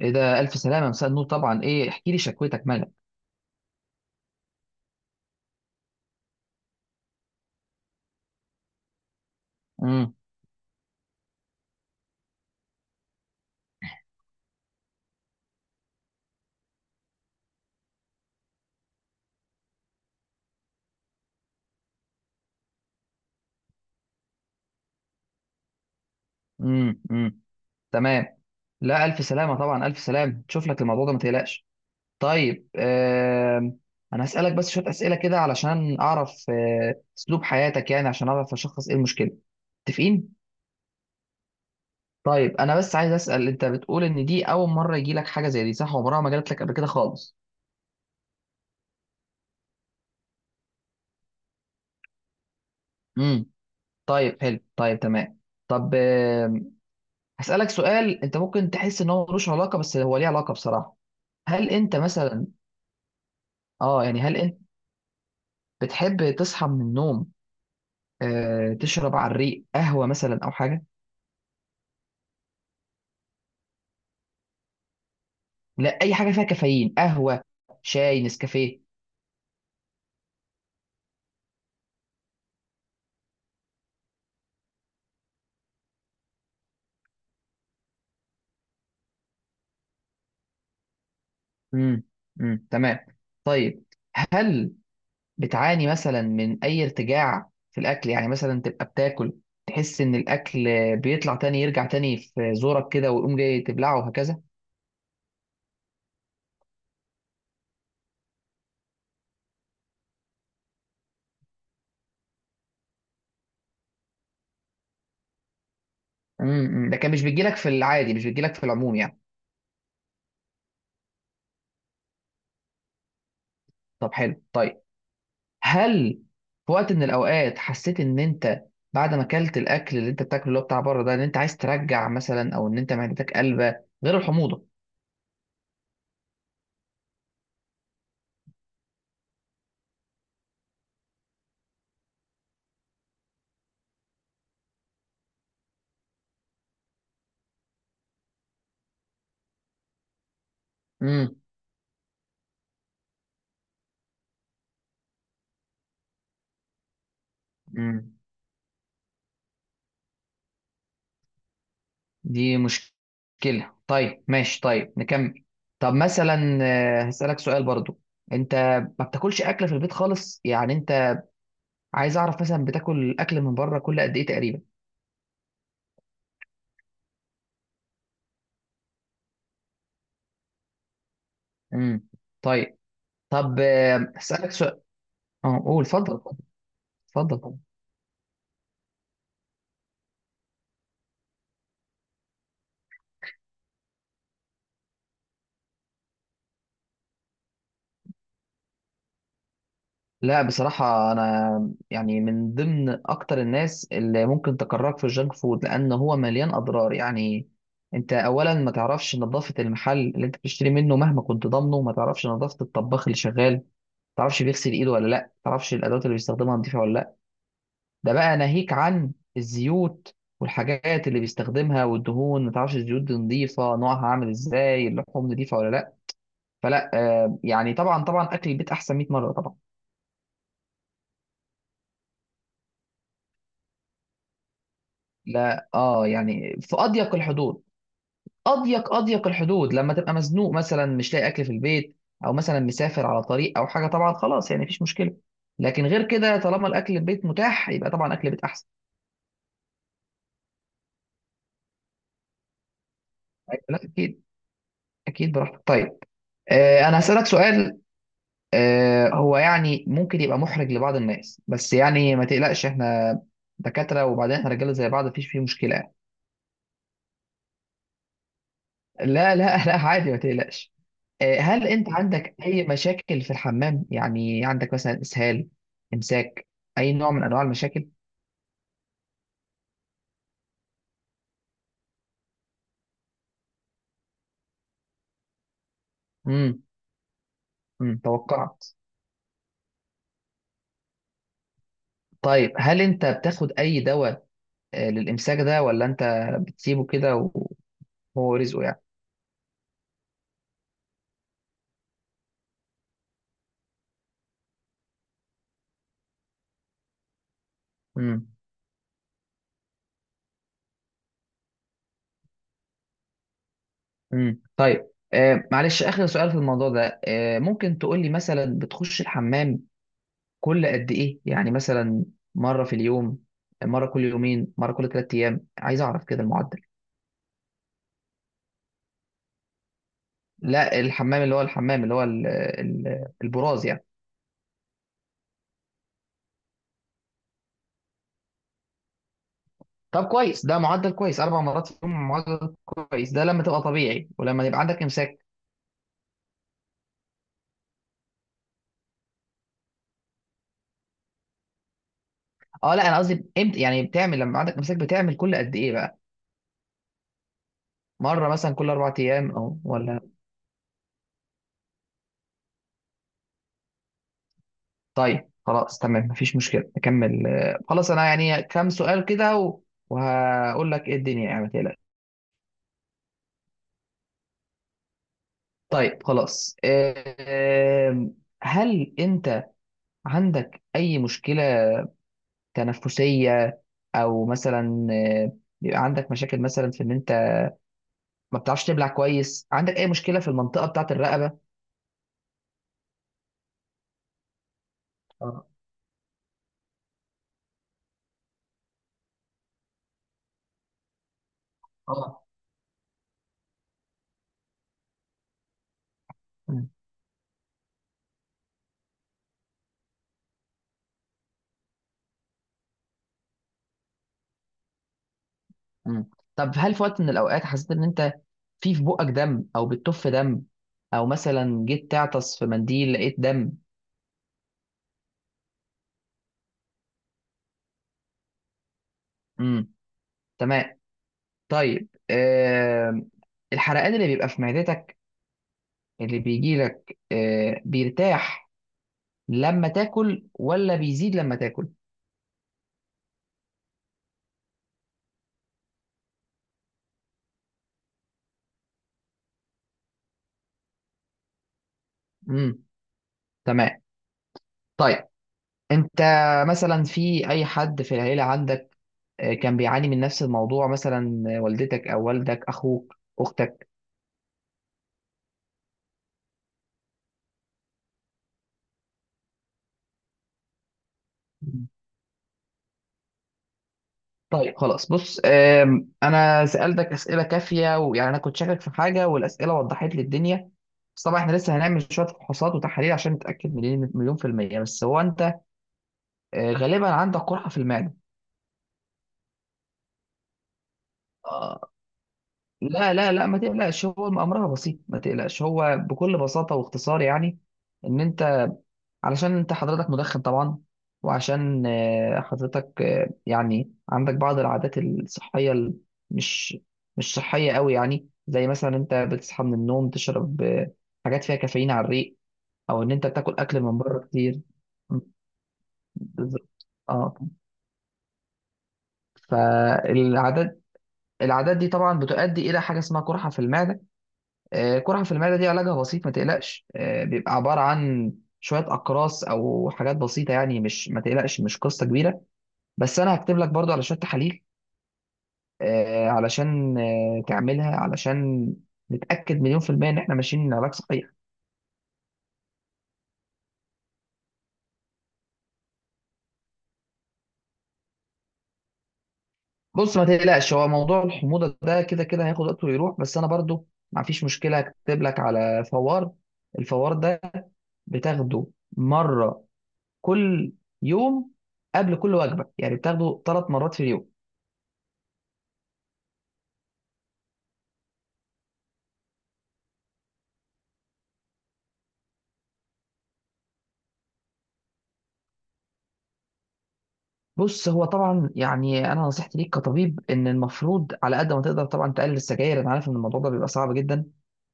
ايه ده، الف سلامه. مساء النور طبعا. ايه، احكي لي شكوتك مالك. امم امم امم تمام. لا الف سلامه، طبعا الف سلامه، تشوف لك الموضوع ده ما تقلقش. طيب، انا هسالك بس شويه اسئله كده علشان اعرف اسلوب حياتك، يعني عشان اعرف اشخص ايه المشكله. متفقين؟ طيب انا بس عايز اسال، انت بتقول ان دي اول مره يجي لك حاجه زي دي، صح؟ عمرها ما جات لك قبل كده خالص؟ امم طيب حلو طيب تمام. طب هسالك سؤال. انت ممكن تحس ان هو ملوش علاقه، بس هو ليه علاقه بصراحه. هل انت مثلا هل انت بتحب تصحى من النوم تشرب على الريق قهوه مثلا او حاجه؟ لا، اي حاجه فيها كافيين، قهوه شاي نسكافيه. امم تمام. طيب، هل بتعاني مثلا من اي ارتجاع في الاكل؟ يعني مثلا تبقى بتاكل، تحس ان الاكل بيطلع تاني، يرجع تاني في زورك كده ويقوم جاي تبلعه وهكذا. أمم. ده كان مش بيجيلك في العادي؟ مش بيجيلك في العموم يعني؟ طب حلو طيب. هل في وقت من الاوقات حسيت ان انت بعد ما اكلت الاكل اللي انت بتاكله اللي هو بتاع بره ده، ان انت عايز ترجع مثلا، او ان انت معدتك قلبه غير الحموضه؟ امم امم دي مشكله. طيب ماشي، طيب نكمل. طب مثلا هسألك سؤال برضو. انت ما بتاكلش اكل في البيت خالص يعني؟ انت، عايز اعرف مثلا بتاكل اكل من بره كل قد ايه تقريبا؟ امم طيب. طب هسألك سؤال. اه قول اتفضل، اتفضل اتفضل. لا بصراحة، أنا يعني من ضمن أكتر الناس اللي ممكن تكرهك في الجانك فود، لأن هو مليان أضرار يعني. أنت أولا ما تعرفش نظافة المحل اللي أنت بتشتري منه، مهما كنت ضامنه ما تعرفش نظافة الطباخ اللي شغال، ما تعرفش بيغسل إيده ولا لأ، ما تعرفش الأدوات اللي بيستخدمها نظيفة ولا لأ. ده بقى ناهيك عن الزيوت والحاجات اللي بيستخدمها والدهون، ما تعرفش الزيوت دي نظيفة، نوعها عامل إزاي، اللحوم نظيفة ولا لأ. فلا يعني طبعا طبعا أكل البيت أحسن 100 مرة طبعا. لا اه يعني في اضيق الحدود، اضيق الحدود لما تبقى مزنوق مثلا مش لاقي اكل في البيت، او مثلا مسافر على طريق او حاجه، طبعا خلاص يعني مفيش مشكله. لكن غير كده طالما الاكل البيت متاح يبقى طبعا اكل البيت احسن. أيوة، لا اكيد اكيد، براحتك. طيب انا هسالك سؤال. هو يعني ممكن يبقى محرج لبعض الناس، بس يعني ما تقلقش احنا دكاتره، وبعدين احنا رجاله زي بعض، مفيش فيه مشكله. لا لا لا، عادي ما تقلقش. هل انت عندك اي مشاكل في الحمام؟ يعني عندك مثلا اسهال، امساك، اي نوع من انواع المشاكل؟ امم توقعت. طيب هل انت بتاخد اي دواء للامساك ده، ولا انت بتسيبه كده وهو رزقه يعني؟ امم طيب. معلش اخر سؤال في الموضوع ده. ممكن تقول لي مثلا بتخش الحمام كل قد ايه؟ يعني مثلا مرة في اليوم، مرة كل يومين، مرة كل 3 ايام، عايز اعرف كده المعدل. لا، الحمام اللي هو الحمام اللي هو البراز يعني. طب كويس، ده معدل كويس، 4 مرات في اليوم معدل كويس، ده لما تبقى طبيعي، ولما يبقى عندك امساك؟ اه لا، انا قصدي امتى يعني بتعمل، لما عندك امساك بتعمل كل قد ايه بقى، مره مثلا كل 4 ايام او ولا؟ طيب خلاص تمام مفيش مشكله، نكمل. خلاص انا يعني كام سؤال كده وهقول لك ايه الدنيا يعني ما تقلقش. طيب خلاص. آه، هل انت عندك اي مشكله تنفسيه، او مثلا بيبقى عندك مشاكل مثلا في ان انت ما بتعرفش تبلع كويس؟ عندك اي مشكله في المنطقه بتاعه الرقبه؟ اه اه. مم. مم. طب هل في وقت من الاوقات حسيت ان انت في بقك دم او بتطف دم، او مثلا جيت تعطس في منديل لقيت دم؟ امم تمام. طيب، الحرقان اللي بيبقى في معدتك اللي بيجي لك بيرتاح لما تاكل ولا بيزيد لما تاكل؟ امم تمام. طيب انت مثلا في اي حد في العيلة عندك كان بيعاني من نفس الموضوع مثلا، والدتك او والدك، اخوك، اختك؟ طيب خلاص، بص انا سألتك اسئلة كافية، ويعني انا كنت شاكك في حاجة، والاسئلة وضحت لي الدنيا. بس طبعا احنا لسه هنعمل شوية فحوصات وتحاليل عشان نتأكد مليون مليون في المية. بس هو انت غالبا عندك قرحة في المعدة. آه، لا لا لا ما تقلقش، هو امرها بسيط ما تقلقش، هو بكل بساطة واختصار يعني ان انت، علشان انت حضرتك مدخن طبعا، وعشان حضرتك يعني عندك بعض العادات الصحية مش مش صحية قوي يعني. زي مثلا انت بتصحى من النوم تشرب حاجات فيها كافيين على الريق، او ان انت بتاكل اكل من بره كتير. م، بالظبط. اه فالعادات، العادات دي طبعا بتؤدي الى حاجه اسمها قرحه في المعده. قرحه في المعده دي علاجها بسيط ما تقلقش. بيبقى عباره عن شويه اقراص او حاجات بسيطه يعني، مش ما تقلقش مش قصه كبيره. بس انا هكتب لك برضو على شويه تحاليل علشان تعملها علشان نتاكد مليون في الميه ان احنا ماشيين علاج صحيح. بص ما تقلقش، هو موضوع الحموضه ده كده كده هياخد وقته ويروح. بس انا برضو ما فيش مشكله هكتب لك على فوار. الفوار ده بتاخده مره كل يوم قبل كل وجبه، يعني بتاخده 3 مرات في اليوم. بص هو طبعا يعني انا نصيحتي ليك كطبيب ان المفروض على قد ما تقدر طبعا تقلل السجاير، انا عارف ان الموضوع ده بيبقى صعب جدا،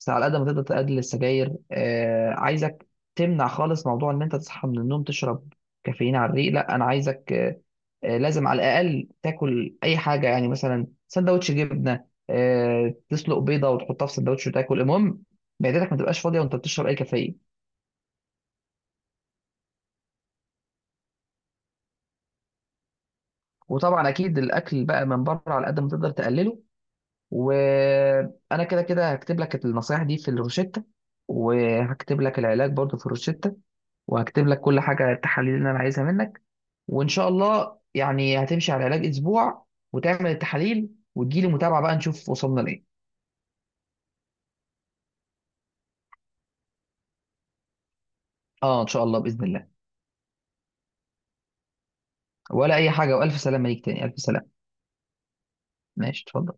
بس على قد ما تقدر تقلل السجاير. عايزك تمنع خالص موضوع ان انت تصحى من النوم تشرب كافيين على الريق، لا انا عايزك لازم على الاقل تاكل اي حاجه، يعني مثلا سندوتش جبنه، تسلق بيضه وتحطها في سندوتش وتاكل، المهم معدتك ما تبقاش فاضيه وانت بتشرب اي كافيين. وطبعا اكيد الاكل بقى من بره على قد ما تقدر تقلله. وانا كده كده هكتب لك النصايح دي في الروشته، وهكتب لك العلاج برضو في الروشته، وهكتب لك كل حاجه، التحاليل اللي انا عايزها منك. وان شاء الله يعني هتمشي على علاج اسبوع، وتعمل التحاليل، وتجيلي متابعه بقى نشوف وصلنا لايه. اه ان شاء الله باذن الله. ولا اي حاجه، والف سلامه ليك تاني، الف سلامه. ماشي، اتفضل.